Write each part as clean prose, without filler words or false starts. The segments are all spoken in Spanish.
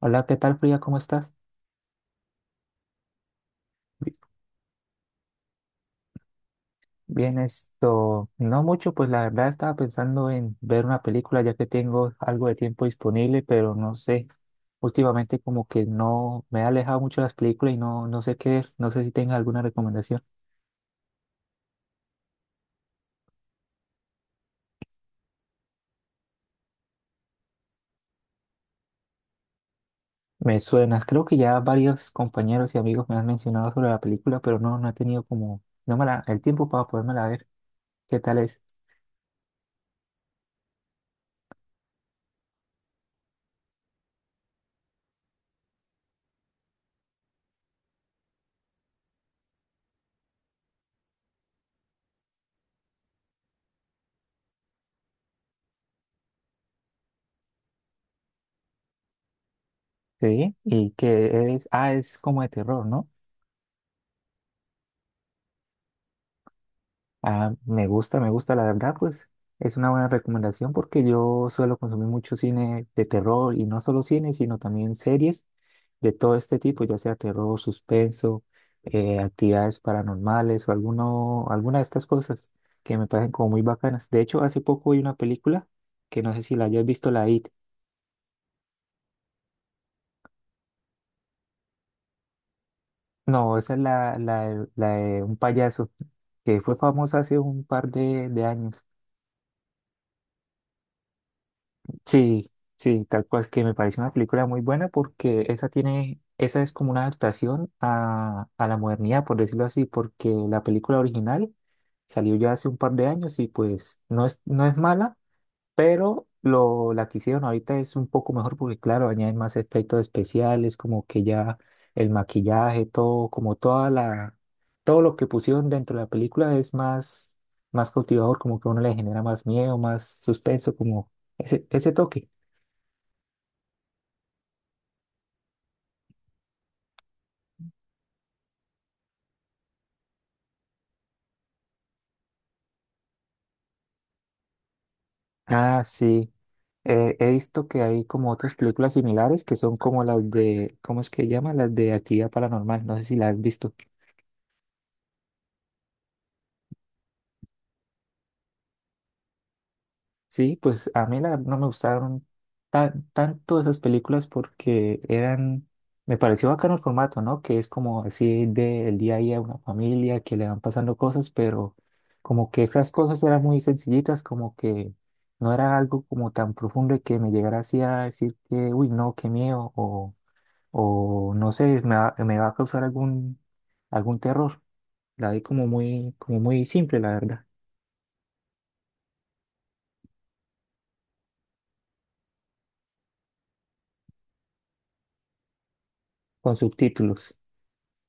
Hola, ¿qué tal, Frida? ¿Cómo estás? Bi- Bien, esto, no mucho, pues la verdad estaba pensando en ver una película ya que tengo algo de tiempo disponible, pero no sé, últimamente como que no me he alejado mucho de las películas y no sé qué ver, no sé si tenga alguna recomendación. Me suena, creo que ya varios compañeros y amigos me han mencionado sobre la película, pero no he tenido como, no me la, el tiempo para podérmela ver. ¿Qué tal es? Sí, y que es, ah, es como de terror, ¿no? Ah, me gusta, la verdad, pues es una buena recomendación porque yo suelo consumir mucho cine de terror y no solo cine, sino también series de todo este tipo, ya sea terror, suspenso, actividades paranormales o alguna de estas cosas que me parecen como muy bacanas. De hecho, hace poco vi una película que no sé si la hayas visto, la It. No, esa es la de un payaso que fue famosa hace un par de años. Sí, sí, tal cual que me parece una película muy buena porque esa tiene, esa es como una adaptación a la modernidad, por decirlo así, porque la película original salió ya hace un par de años y pues no es mala, pero la que hicieron ahorita es un poco mejor porque, claro, añaden más efectos especiales, como que ya el maquillaje, todo, como toda la, todo lo que pusieron dentro de la película es más, más cautivador, como que a uno le genera más miedo, más suspenso, como ese toque. Ah, sí. He visto que hay como otras películas similares que son como las de, ¿cómo es que llama? Las de actividad paranormal. No sé si las has visto. Sí, pues a mí la verdad no me gustaron tanto esas películas porque eran, me pareció bacano el formato, ¿no? Que es como así del día a día, de una familia que le van pasando cosas, pero como que esas cosas eran muy sencillitas, como que no era algo como tan profundo y que me llegara así a decir que, uy, no, qué miedo, o no sé, me va a causar algún terror. La vi como muy simple, la verdad, con subtítulos.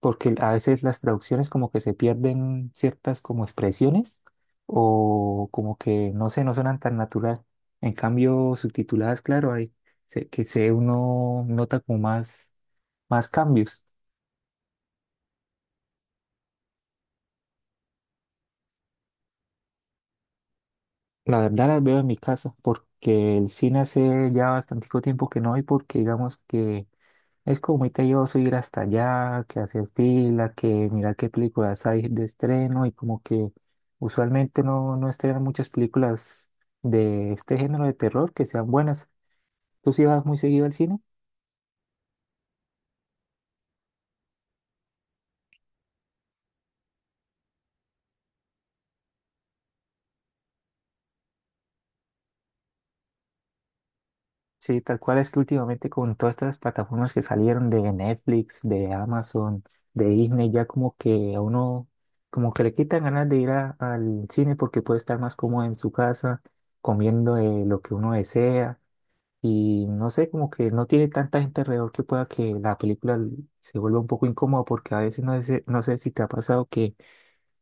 Porque a veces las traducciones como que se pierden ciertas como expresiones o como que no sé, no suenan tan natural. En cambio, subtituladas, claro, hay que se uno nota como más, más cambios. La verdad las veo en mi casa porque el cine hace ya bastante tiempo que no hay porque digamos que es como muy tedioso ir hasta allá, que hacer fila, que mirar qué películas hay de estreno y como que usualmente no estrenan muchas películas de este género de terror que sean buenas. ¿Tú sí vas muy seguido al cine? Sí, tal cual es que últimamente con todas estas plataformas que salieron de Netflix, de Amazon, de Disney, ya como que a uno como que le quitan ganas de ir al cine porque puede estar más cómodo en su casa, comiendo lo que uno desea. Y no sé, como que no tiene tanta gente alrededor que pueda que la película se vuelva un poco incómoda porque a veces no sé, no sé si te ha pasado que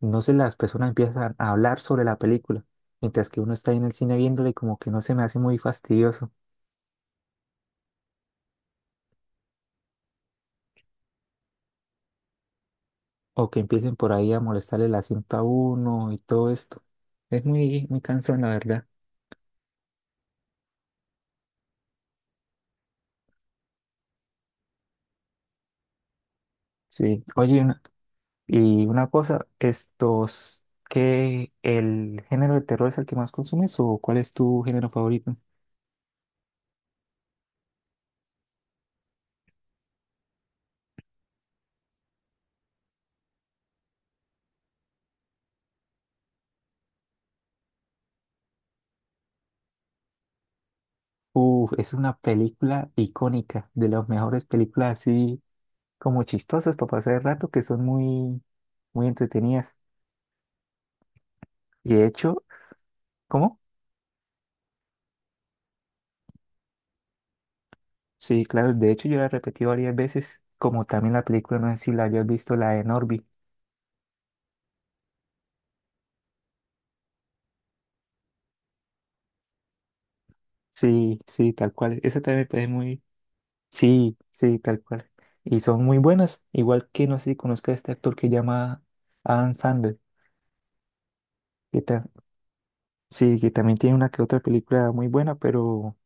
no sé, las personas empiezan a hablar sobre la película, mientras que uno está ahí en el cine viéndole, como que no se me hace muy fastidioso o que empiecen por ahí a molestarle el asiento a uno y todo esto. Es muy, muy cansón, la verdad. Sí, oye, y una cosa, estos, ¿qué el género de terror es el que más consumes o cuál es tu género favorito? Uf, es una película icónica, de las mejores películas así como chistosas para pasar el rato, que son muy, muy entretenidas. Y de hecho, ¿cómo? Sí, claro, de hecho yo la repetí varias veces, como también la película, no sé si la hayas visto, la de Norby. Sí, sí, tal cual. Esa también me parece muy... Sí, sí, tal cual. Y son muy buenas, igual que no sé si conozca a este actor que llama Adam Sandler, que ta- sí, que también tiene una que otra película muy buena, pero...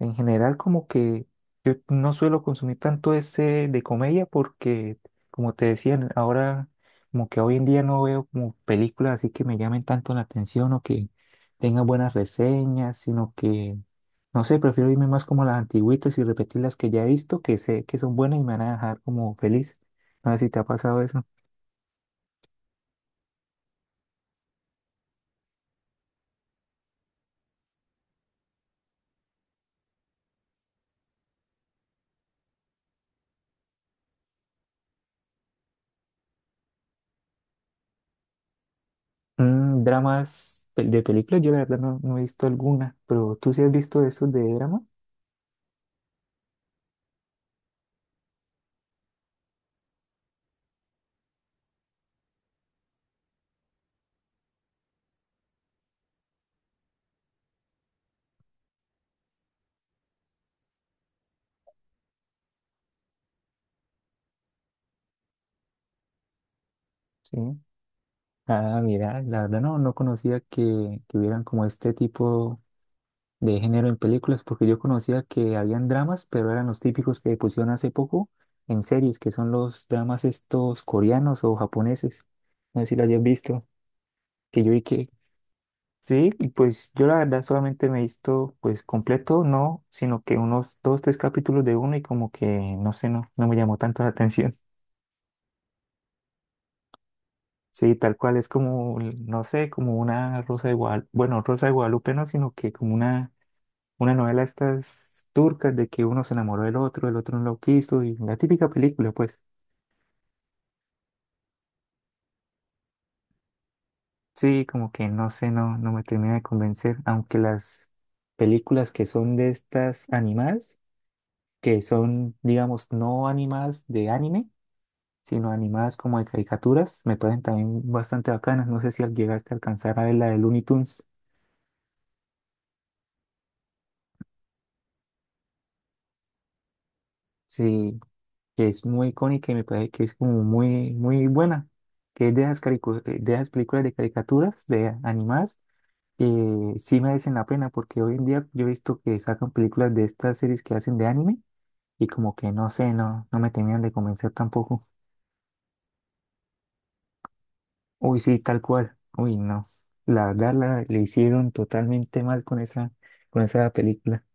En general, como que yo no suelo consumir tanto ese de comedia porque, como te decía ahora, como que hoy en día no veo como películas así que me llamen tanto la atención o que tengan buenas reseñas, sino que, no sé, prefiero irme más como a las antigüitas y repetir las que ya he visto, que sé que son buenas y me van a dejar como feliz. No sé si te ha pasado eso. Mm, dramas de películas, yo la verdad no he visto alguna, pero tú sí has visto esos de drama, sí. Ah, mira, la verdad no conocía que hubieran como este tipo de género en películas, porque yo conocía que habían dramas, pero eran los típicos que pusieron hace poco en series, que son los dramas estos coreanos o japoneses. No sé si lo hayas visto, que yo vi que sí, y pues yo la verdad solamente me he visto pues completo, no, sino que unos dos, tres capítulos de uno y como que no sé, no me llamó tanto la atención. Sí, tal cual, es como, no sé, como una Rosa de Guadalupe, bueno, Rosa de Guadalupe no, sino que como una novela estas turcas de que uno se enamoró del otro, el otro no lo quiso, y la típica película, pues. Sí, como que no sé, no me termina de convencer, aunque las películas que son de estas animadas, que son, digamos, no animadas de anime, sino animadas como de caricaturas, me parecen también bastante bacanas, no sé si llegaste a alcanzar a ver la de Looney Tunes. Sí, que es muy icónica y me parece que es como muy, muy buena, que es de esas, de esas películas de caricaturas, de animadas, que sí merecen la pena, porque hoy en día yo he visto que sacan películas de estas series que hacen de anime y como que no sé, no me terminan de convencer tampoco. Uy, sí, tal cual. Uy, no. La verdad la, le hicieron totalmente mal con esa película.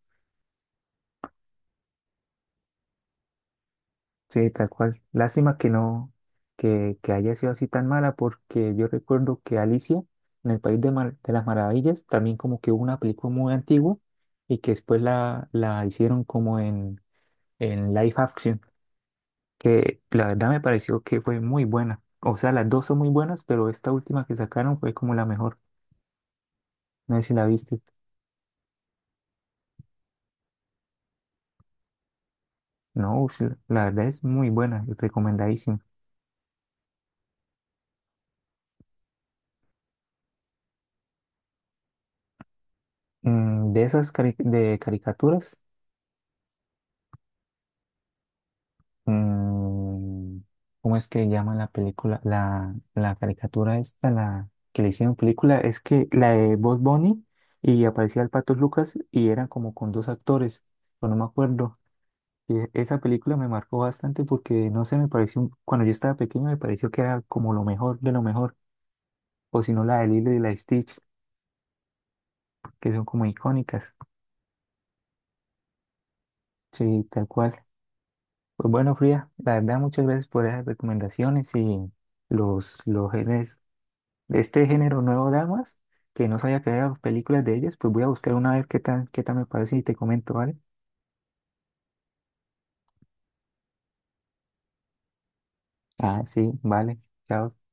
Sí, tal cual. Lástima que no, que haya sido así tan mala, porque yo recuerdo que Alicia en el País de, de las Maravillas, también como que hubo una película muy antigua y que después la hicieron como en live action, que la verdad me pareció que fue muy buena. O sea, las dos son muy buenas, pero esta última que sacaron fue como la mejor. No sé si la viste. No, sí, la verdad es muy buena, recomendadísima. Mm, de esas de caricaturas. Mm, ¿cómo es que llama la película? La caricatura esta, la que le hicieron película, es que la de Bob Bunny y aparecía el Pato Lucas y eran como con dos actores, pero no me acuerdo. Y esa película me marcó bastante porque, no sé, me pareció, cuando yo estaba pequeño me pareció que era como lo mejor de lo mejor, o si no la de Lilo y la Stitch, que son como icónicas. Sí, tal cual. Pues bueno, Frida, la verdad, muchas gracias por esas recomendaciones y los géneros de este género nuevo damas, que no sabía que había películas de ellas, pues voy a buscar una a ver qué tal me parece y te comento, ¿vale? Ah, sí, vale. Chao.